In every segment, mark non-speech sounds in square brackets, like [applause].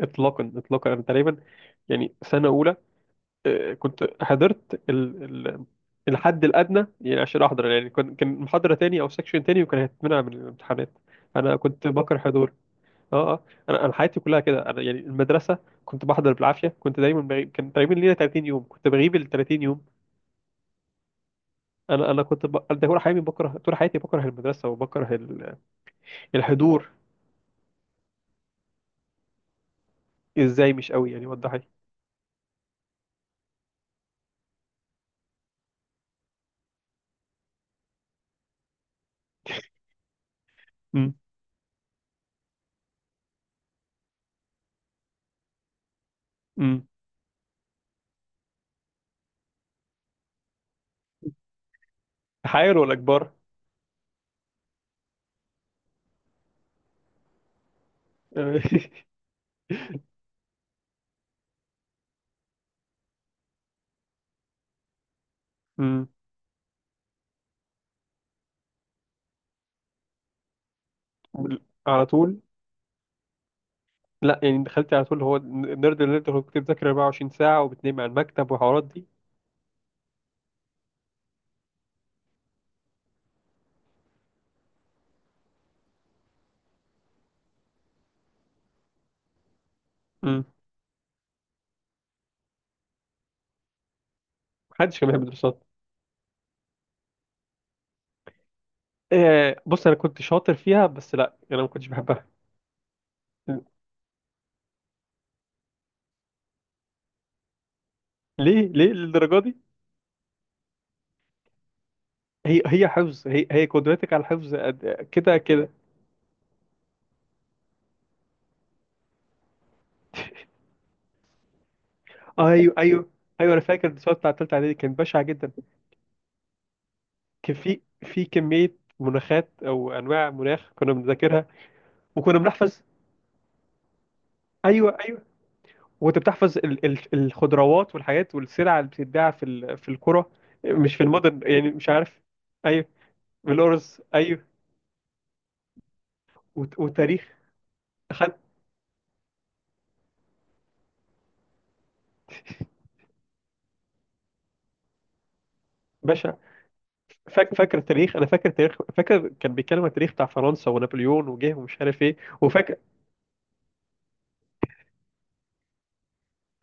اطلاقا انا تقريبا سنه اولى. كنت حضرت الحد الادنى، يعني عشان احضر. يعني كان محاضره تاني او سكشن تاني وكان هيتمنع من الامتحانات. انا كنت بكره حضور. اه انا حياتي كلها كده. انا يعني المدرسه كنت بحضر بالعافيه، كنت دايما بغيب. كان تقريبا لينا 30 يوم، كنت بغيب ال 30 يوم. ده طول حياتي بكره، طول حياتي بكره المدرسه وبكره الحضور. ازاي مش قوي؟ يعني وضحي. امم، امم. تحايل ولا كبار؟ [laughs] على طول. لا يعني دخلت على طول؟ هو النيرد اللي انت كنت بتذاكر 24 ساعة وبتنام على المكتب والحوارات دي. امم. محدش كان بيحب الدراسات. آه، بص، انا كنت شاطر فيها، بس لا انا ما كنتش بحبها. ليه؟ ليه للدرجة دي؟ هي حفظ؟ هي قدرتك على الحفظ قد- كده كده؟ ايوه، ايوه. ايوه، انا فاكر الدراسات بتاعت تالتة اعدادي كانت بشعة جدا. كان في كمية مناخات او انواع مناخ كنا بنذاكرها وكنا بنحفظ. ايوه، أيوه. وانت بتحفظ الخضروات والحاجات والسلع اللي بتتباع في في القرى، مش في المدن يعني، مش عارف. ايوه، بالأرز، ايوه. وتاريخ. خد. باشا، فاكر التاريخ؟ انا فاكر التاريخ، فاكر كان بيتكلم عن التاريخ بتاع فرنسا ونابليون وجه ومش عارف ايه. وفاكر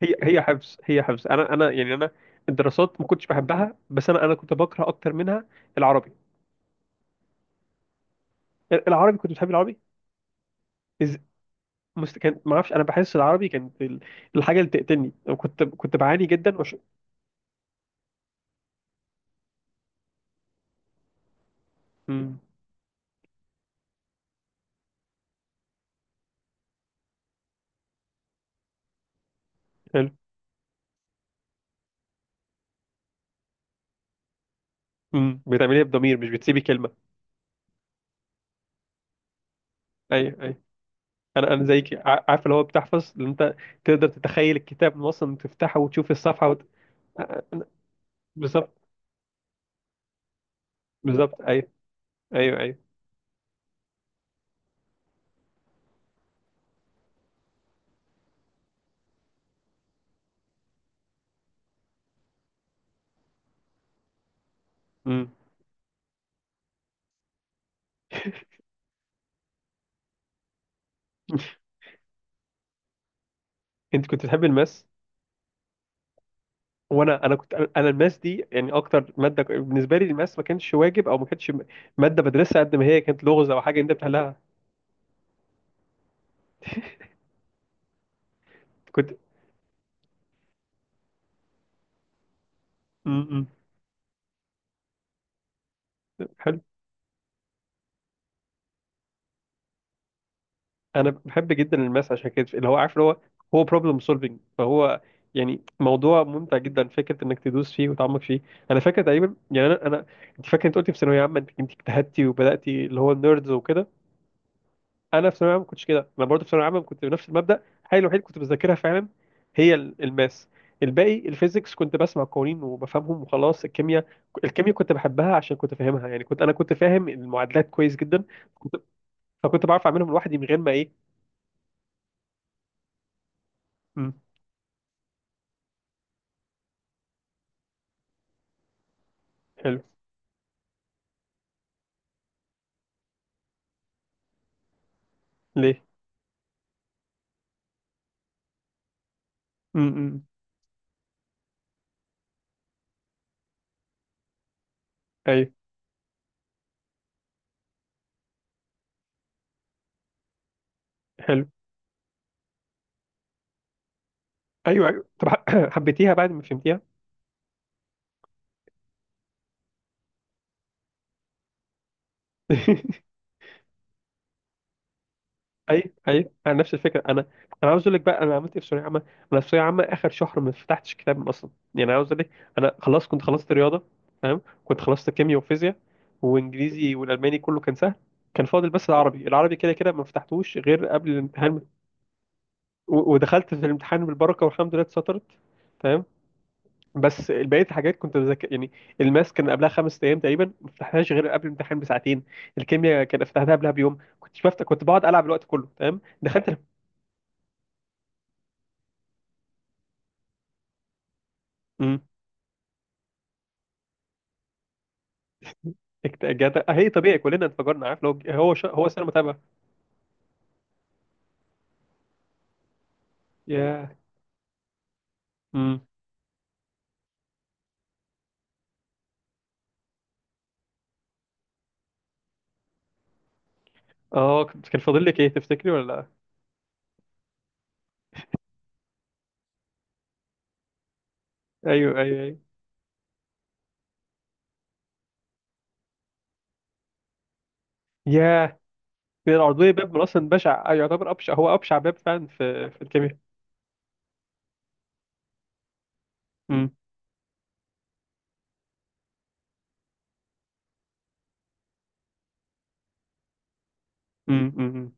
هي حفظ، حفظ. انا الدراسات ما كنتش بحبها، بس انا كنت بكره اكتر منها العربي. العربي كنت بتحب العربي؟ إز... كان ما اعرفش، انا بحس العربي كانت الحاجه اللي تقتلني، وكنت بعاني جدا مم. حلو. امم، بتعمليها بضمير، مش بتسيبي كلمه. ايوه، ايوه. انا زيك، عارف اللي هو بتحفظ. اللي انت تقدر تتخيل الكتاب من اصلا تفتحه وتشوف الصفحه بالظبط. بالظبط، ايوه. ايوه، ايوه. امم. انت كنت بتحب الماس؟ وانا انا كنت انا الماس دي يعني اكتر ماده بالنسبه لي الماس ما كانش واجب، او ما كانتش ماده بدرسها، قد ما هي كانت لغز او حاجه انت بتحلها. كنت، امم. انا بحب جدا الماس، عشان كده اللي هو عارف اللي هو هو بروبلم سولفنج، فهو يعني موضوع ممتع جدا، فكره انك تدوس فيه وتعمق فيه. انا فاكر تقريبا، يعني انا انت فاكر، انت قلتي في ثانويه عامه انت اجتهدتي، وبداتي اللي هو النيردز وكده. انا في ثانويه عامه ما كنتش كده، انا برضه في ثانويه عامه كنت بنفس المبدا. الحاجه الوحيده اللي كنت بذاكرها فعلا هي الماس. الباقي الفيزيكس كنت بسمع قوانين وبفهمهم وخلاص. الكيمياء، الكيمياء كنت بحبها عشان كنت فاهمها، يعني كنت كنت فاهم المعادلات كويس جدا. كنت- فكنت بعرف اعملهم لوحدي من غير ما ايه. مم. حلو. ليه؟ امم. ايوه. حلو. ايوه، ايوه، طب [coughs] [clears throat] حبيتيها بعد ما فهمتيها؟ [laughs] ايوه، ايوه. انا نفس الفكره. انا عاوز اقول لك بقى انا عملت ايه في ثانويه عامه. انا في ثانويه عامه اخر شهر ما فتحتش كتاب اصلا. يعني انا عاوز اقول لك، انا خلاص كنت خلصت رياضه، تمام. كنت خلصت كيمياء وفيزياء وانجليزي والالماني، كله كان سهل. كان فاضل بس العربي. العربي كده كده ما فتحتوش غير قبل الامتحان. ودخلت في الامتحان بالبركه، والحمد لله اتسطرت. تمام. بس بقيه الحاجات كنت بذاكر يعني. الماس كان قبلها خمس ايام تقريبا، ما فتحناش غير قبل الامتحان بساعتين. الكيمياء كان فتحناها قبلها بيوم، كنت بفتح، كنت بقعد العب الوقت كله. تمام. دخلت امم. هي طبيعي، كلنا انفجرنا، عارف؟ لو هو هو سنه متابعه. ياه. امم. اه، كان فاضل لك ايه تفتكري، ولا لا؟ ايوه، ايوه، ايوه. ياه. كان العرضيه باب من اصلا بشع، يعتبر ابشع، هو ابشع باب فعلا في الكيمياء. امم، امم، امم،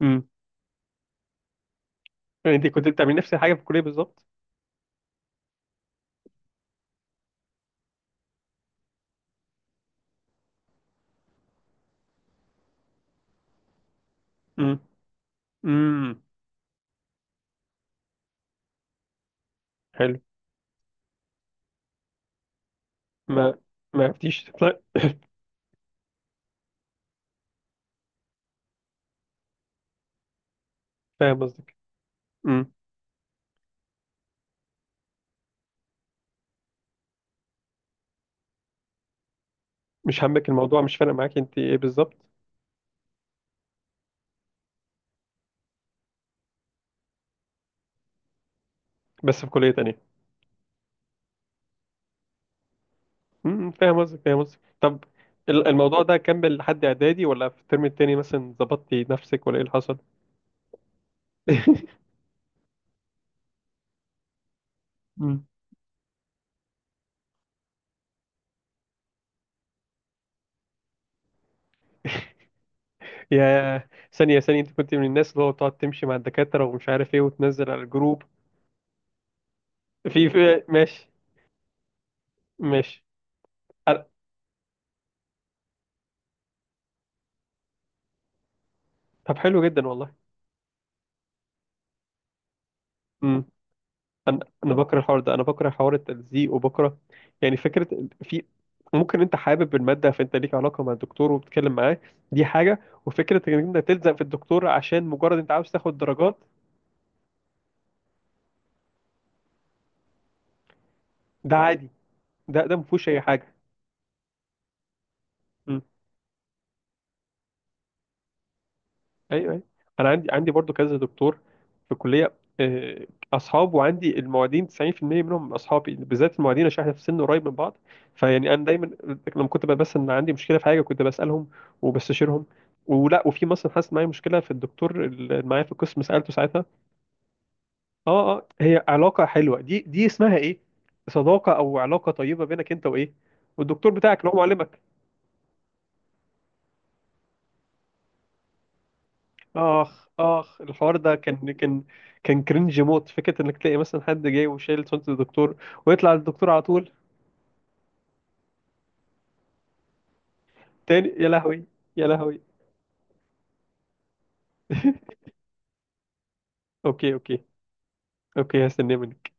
امم. انت كنت بتعملي نفس الحاجه في الكليه بالظبط؟ امم، امم. ما ما عرفتيش تطلع؟ فاهم قصدك. امم. مش همك الموضوع، مش فارق معاك انت ايه بالظبط. بس في كلية تانية. امم، فاهم قصدك، فاهم قصدك. طب الموضوع ده كمل لحد اعدادي، ولا في الترم التاني مثلا ظبطتي نفسك، ولا ايه اللي حصل؟ [laughs] مم. يا ثانية، ثانية، انت كنت من الناس اللي هو بتقعد تمشي مع الدكاترة ومش عارف ايه، وتنزل على الجروب؟ في ماشي، ماشي. أنا- طب حلو جدا والله. مم. انا انا بكره الحوار ده، انا بكره حوار التلزيق وبكره، يعني فكره ال- في ممكن انت حابب الماده فانت ليك علاقه مع الدكتور وبتتكلم معاه، دي حاجه. وفكره انك انت تلزق في الدكتور عشان مجرد انت عاوز تاخد درجات. ده عادي، ده ما فيهوش اي حاجه. إمم. ايوه، ايوه. انا عندي، برضو كذا دكتور في الكليه، آه، اصحاب، وعندي المعيدين. 90% منهم اصحابي، بالذات المعيدين، عشان احنا في سن قريب من بعض. فيعني انا دايما لما كنت بس ان عندي مشكله في حاجه كنت بسالهم وبستشيرهم. ولا وفي مثلا حصلت معايا مشكله في الدكتور اللي معايا في القسم سالته ساعتها. اه هي علاقه حلوه دي، دي اسمها ايه؟ صداقه او علاقه طيبه بينك انت وايه والدكتور بتاعك اللي هو معلمك. اخ الحوار ده كان كان كرنج موت. فكره انك تلاقي مثلا حد جاي وشايل صوت الدكتور ويطلع الدكتور على طول. تاني؟ يا لهوي، يا لهوي. [laughs] اوكي، اوكي. اوكي، هستناه منك.